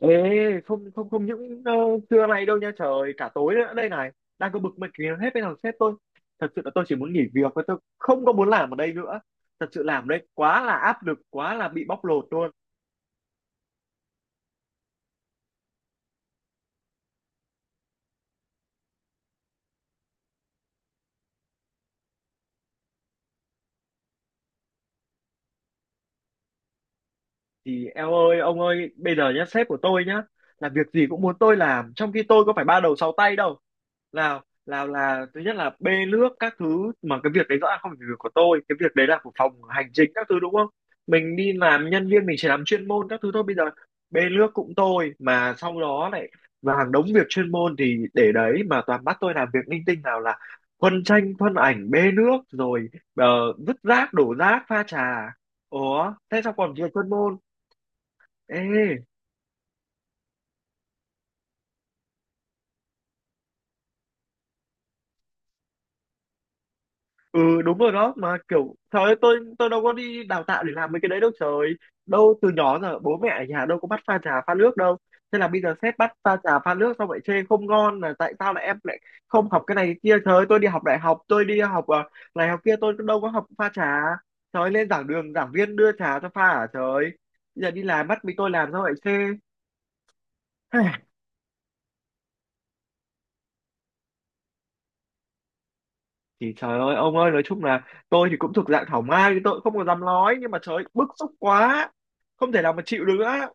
Ê, không, không, không những trưa nay đâu nha trời, cả tối nữa đây này, đang có bực mình kìa, hết bên thằng sếp tôi. Thật sự là tôi chỉ muốn nghỉ việc và tôi không có muốn làm ở đây nữa. Thật sự làm ở đây quá là áp lực, quá là bị bóc lột luôn. Thì em ơi, ông ơi, bây giờ nhá, sếp của tôi nhá, là việc gì cũng muốn tôi làm, trong khi tôi có phải ba đầu sáu tay đâu. Lào Lào là thứ nhất là bê nước các thứ, mà cái việc đấy rõ ràng không phải việc của tôi, cái việc đấy là của phòng hành chính các thứ, đúng không? Mình đi làm nhân viên mình chỉ làm chuyên môn các thứ thôi. Bây giờ bê nước cũng tôi, mà sau đó lại, và hàng đống việc chuyên môn thì để đấy, mà toàn bắt tôi làm việc linh tinh, nào là khuân tranh khuân ảnh, bê nước rồi ờ, vứt rác, đổ rác, pha trà. Ủa thế sao còn việc chuyên môn? Ê, ừ đúng rồi đó, mà kiểu trời ơi, tôi đâu có đi đào tạo để làm mấy cái đấy đâu trời. Đâu, từ nhỏ giờ bố mẹ ở nhà đâu có bắt pha trà pha nước đâu. Thế là bây giờ sếp bắt pha trà pha nước xong lại chê không ngon, là tại sao lại em lại không học cái này cái kia. Trời ơi, tôi đi học đại học, tôi đi học này học kia, tôi đâu có học pha trà. Trời ơi, lên giảng đường giảng viên đưa trà cho pha à? Trời ơi. Bây giờ đi làm bắt mình tôi làm sao lại chê. Thì trời ơi, ông ơi, nói chung là tôi thì cũng thuộc dạng thảo mai, tôi cũng không có dám nói, nhưng mà trời ơi, bức xúc quá, không thể nào mà chịu được nữa.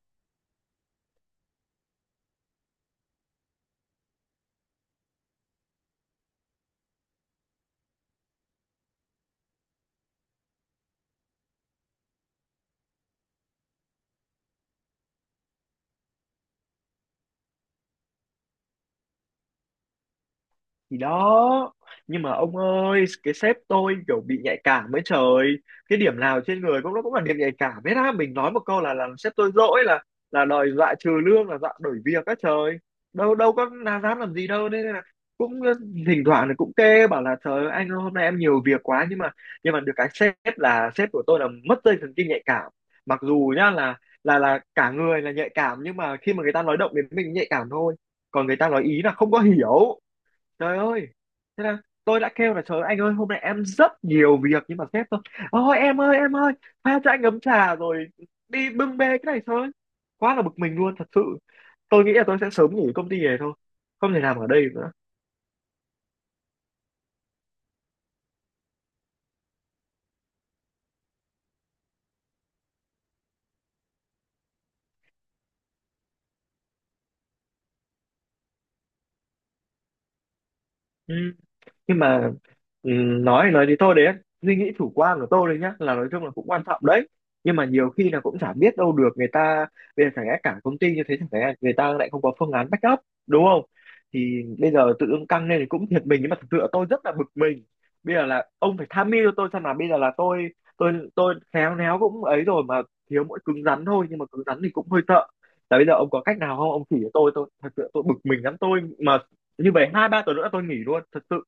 Thì đó, nhưng mà ông ơi, cái sếp tôi kiểu bị nhạy cảm ấy trời. Cái điểm nào trên người cũng nó cũng là điểm nhạy cảm hết á. Mình nói một câu là làm sếp tôi dỗi, là đòi dọa trừ lương, là dọa đổi việc á trời. Đâu đâu có là dám làm gì đâu nên là cũng, thỉnh thoảng thì cũng kê bảo là, trời ơi, anh ơi, hôm nay em nhiều việc quá, nhưng mà được cái sếp là sếp của tôi là mất dây thần kinh nhạy cảm. Mặc dù nhá, là cả người là nhạy cảm, nhưng mà khi mà người ta nói động đến mình nhạy cảm thôi, còn người ta nói ý là không có hiểu. Trời ơi. Thế là tôi đã kêu là, trời ơi, anh ơi, hôm nay em rất nhiều việc, nhưng mà sếp tôi, ôi em ơi, em ơi, pha cho anh ấm trà rồi đi bưng bê cái này thôi. Quá là bực mình luôn, thật sự. Tôi nghĩ là tôi sẽ sớm nghỉ công ty này thôi, không thể làm ở đây nữa. Ừ. Nhưng mà ừ, nói thì thôi đấy. Suy nghĩ chủ quan của tôi đấy nhá, là nói chung là cũng quan trọng đấy, nhưng mà nhiều khi là cũng chả biết đâu được người ta. Bây giờ chẳng lẽ cả công ty như thế, chẳng lẽ người ta lại không có phương án backup, đúng không? Thì bây giờ tự dưng căng lên thì cũng thiệt mình, nhưng mà thực sự là tôi rất là bực mình. Bây giờ là ông phải tham mưu cho tôi xem, là bây giờ là tôi khéo léo cũng ấy rồi mà. Thiếu mỗi cứng rắn thôi, nhưng mà cứng rắn thì cũng hơi sợ. Là bây giờ ông có cách nào không, ông chỉ cho tôi. Tôi thật sự tôi bực mình lắm. Tôi mà như vậy 2-3 tuần nữa tôi nghỉ luôn, thật sự.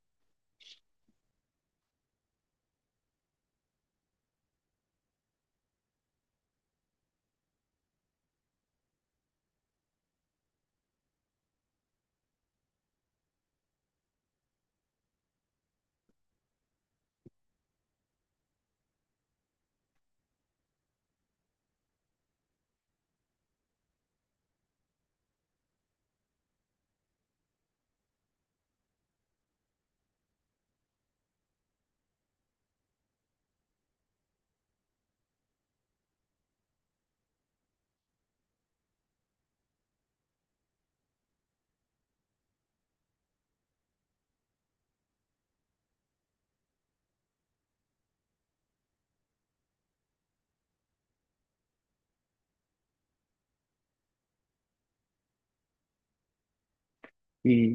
Thì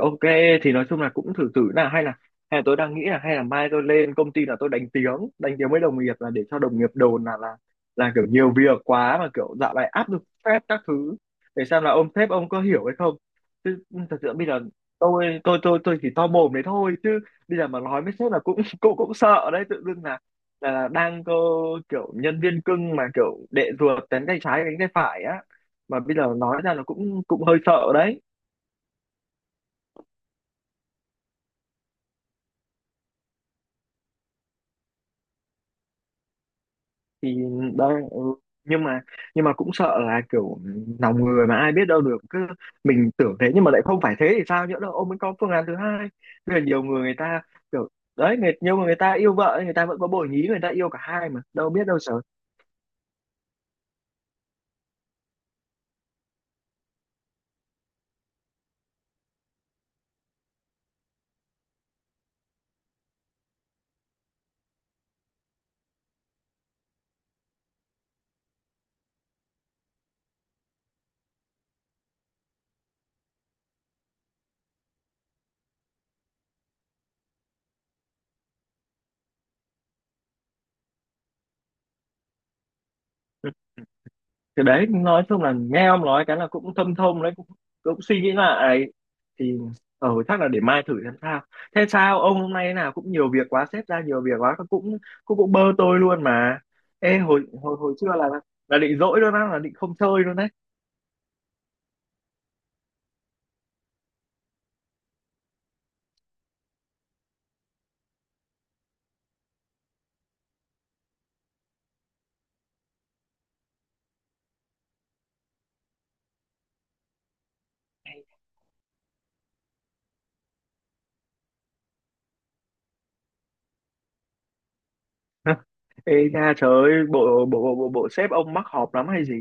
ok. Thì nói chung là cũng thử thử là hay là tôi đang nghĩ là hay là mai tôi lên công ty là tôi đánh tiếng với đồng nghiệp, là để cho đồng nghiệp đồn là, là kiểu nhiều việc quá, mà kiểu dạo này áp lực stress các thứ, để xem là ông sếp ông có hiểu hay không. Chứ ừ, thật sự bây giờ tôi chỉ to mồm đấy thôi, chứ bây giờ mà nói với sếp là cũng cũng cũng sợ đấy. Tự dưng là đang có kiểu nhân viên cưng, mà kiểu đệ ruột, đánh tay trái đánh tay phải á, mà bây giờ nói ra là cũng cũng hơi sợ đấy. Thì đây ừ. nhưng mà nhưng mà cũng sợ là kiểu lòng người mà ai biết đâu được. Cứ mình tưởng thế nhưng mà lại không phải thế thì sao? Nhỡ đâu ông ấy có phương án thứ hai. Bây giờ nhiều người, người ta kiểu đấy người, nhưng mà người ta yêu vợ, người ta vẫn có bồ nhí, người ta yêu cả hai, mà đâu biết đâu sợ. Ừ. Thì đấy, nói chung là nghe ông nói cái là cũng thâm thông đấy, cũng suy nghĩ lại. Thì chắc là để mai thử xem sao. Thế sao ông hôm nay thế nào? Cũng nhiều việc quá, sếp ra nhiều việc quá, cũng cũng cũng bơ tôi luôn mà. Ê, hồi hồi hồi trưa là định dỗi luôn á, là định không chơi luôn đấy. Ê nha, trời ơi, bộ bộ bộ bộ sếp ông mắc họp lắm hay gì?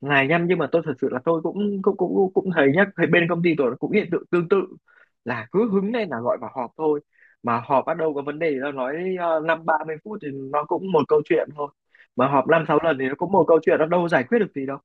Này nhăm, nhưng mà tôi thật sự là tôi cũng cũng cũng cũng thấy nhá, thấy bên công ty tôi cũng hiện tượng tương tự, là cứ hứng lên là gọi vào họp thôi. Mà họp bắt đầu có vấn đề thì nó nói 5-30 phút thì nó cũng một câu chuyện thôi, mà họp 5-6 lần thì nó cũng một câu chuyện, nó đâu giải quyết được gì đâu.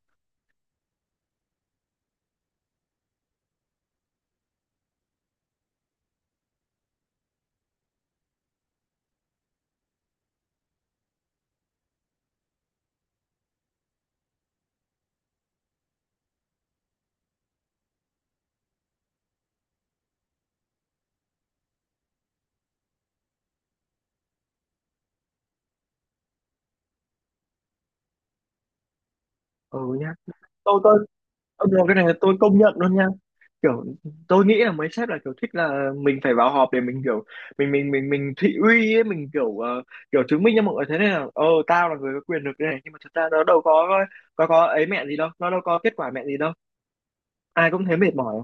Ừ nhá, tôi ông được, cái này là tôi công nhận luôn nha. Kiểu tôi nghĩ là mấy sếp là kiểu thích là mình phải vào họp để mình kiểu mình thị uy ấy, mình kiểu kiểu chứng minh cho mọi người thế này là, ờ tao là người có quyền lực đây này. Nhưng mà thật ra nó đâu có ấy mẹ gì đâu, nó đâu có kết quả mẹ gì đâu. Ai cũng thấy mệt mỏi.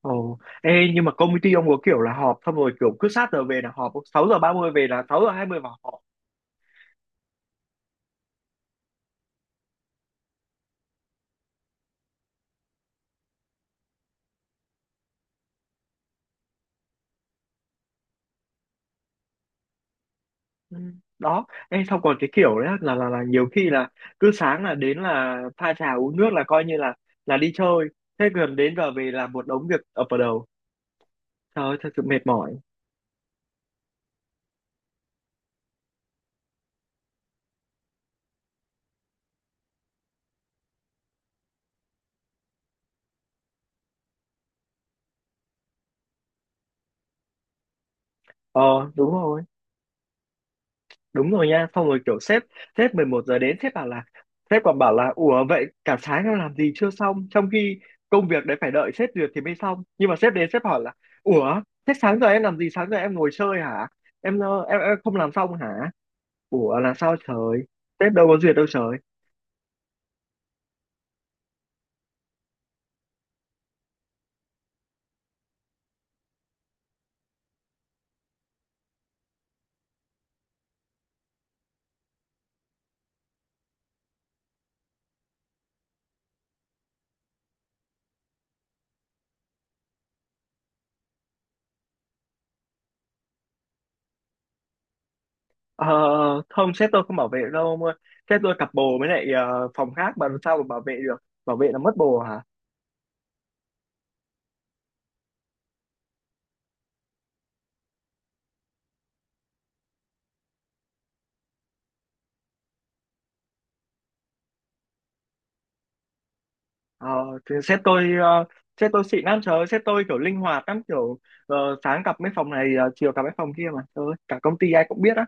Ồ ê, nhưng mà công ty ông có kiểu là họp xong rồi, kiểu cứ sát giờ về là họp, 6 giờ 30 về là 6 giờ 20 vào họp. Ừ. Đó em, xong còn cái kiểu đấy là là nhiều khi là cứ sáng là đến là pha trà uống nước là coi như là đi chơi. Thế gần đến giờ về là một đống việc ập vào đầu. Trời ơi, thật sự mệt mỏi. Ờ, đúng rồi, đúng rồi nha. Xong rồi kiểu sếp sếp 11 giờ đến, sếp bảo là, sếp còn bảo là, ủa vậy cả sáng em làm gì chưa xong, trong khi công việc đấy phải đợi sếp duyệt thì mới xong, nhưng mà sếp đến sếp hỏi là, ủa thế sáng giờ em làm gì, sáng giờ em ngồi chơi hả, em, em không làm xong hả? Ủa là sao trời, sếp đâu có duyệt đâu trời. Ờ, không, sếp tôi không bảo vệ đâu ông ơi. Sếp tôi cặp bồ với lại phòng khác mà làm sao mà bảo vệ được. Bảo vệ là mất bồ hả? ờ, thì sếp tôi, sếp tôi xịn lắm. Trời ơi, sếp tôi kiểu linh hoạt lắm, kiểu sáng cặp mấy phòng này, chiều cặp mấy phòng kia. Mà trời ơi, cả công ty ai cũng biết á.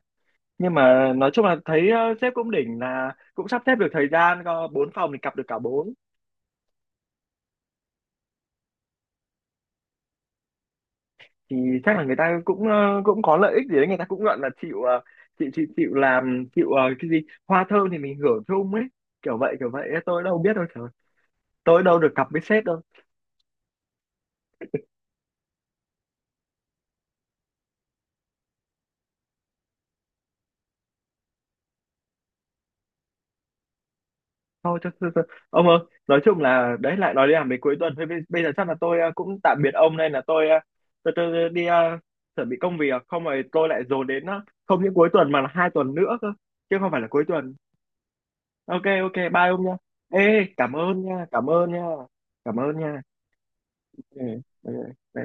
Nhưng mà nói chung là thấy, sếp cũng đỉnh là cũng sắp xếp được thời gian, có bốn phòng thì cặp được cả bốn. Thì chắc là người ta cũng, cũng có lợi ích gì đấy, người ta cũng gọi là chịu, chịu làm, chịu cái gì, hoa thơm thì mình hưởng chung ấy. Kiểu vậy kiểu vậy, tôi đâu biết đâu. Trời ơi, tôi đâu được cặp với sếp đâu. Thôi cho, cho. Ông ơi, nói chung là đấy lại nói đi làm về cuối tuần. Thôi bây giờ chắc là tôi, cũng tạm biệt ông, nên là tôi, tôi đi chuẩn bị công việc không rồi tôi lại dồn đến, không những cuối tuần mà là 2 tuần nữa cơ, chứ không phải là cuối tuần. Ok, ok, bye ông nha. Ê, cảm ơn nha, cảm ơn nha, cảm ơn nha. Ừ. Ừ.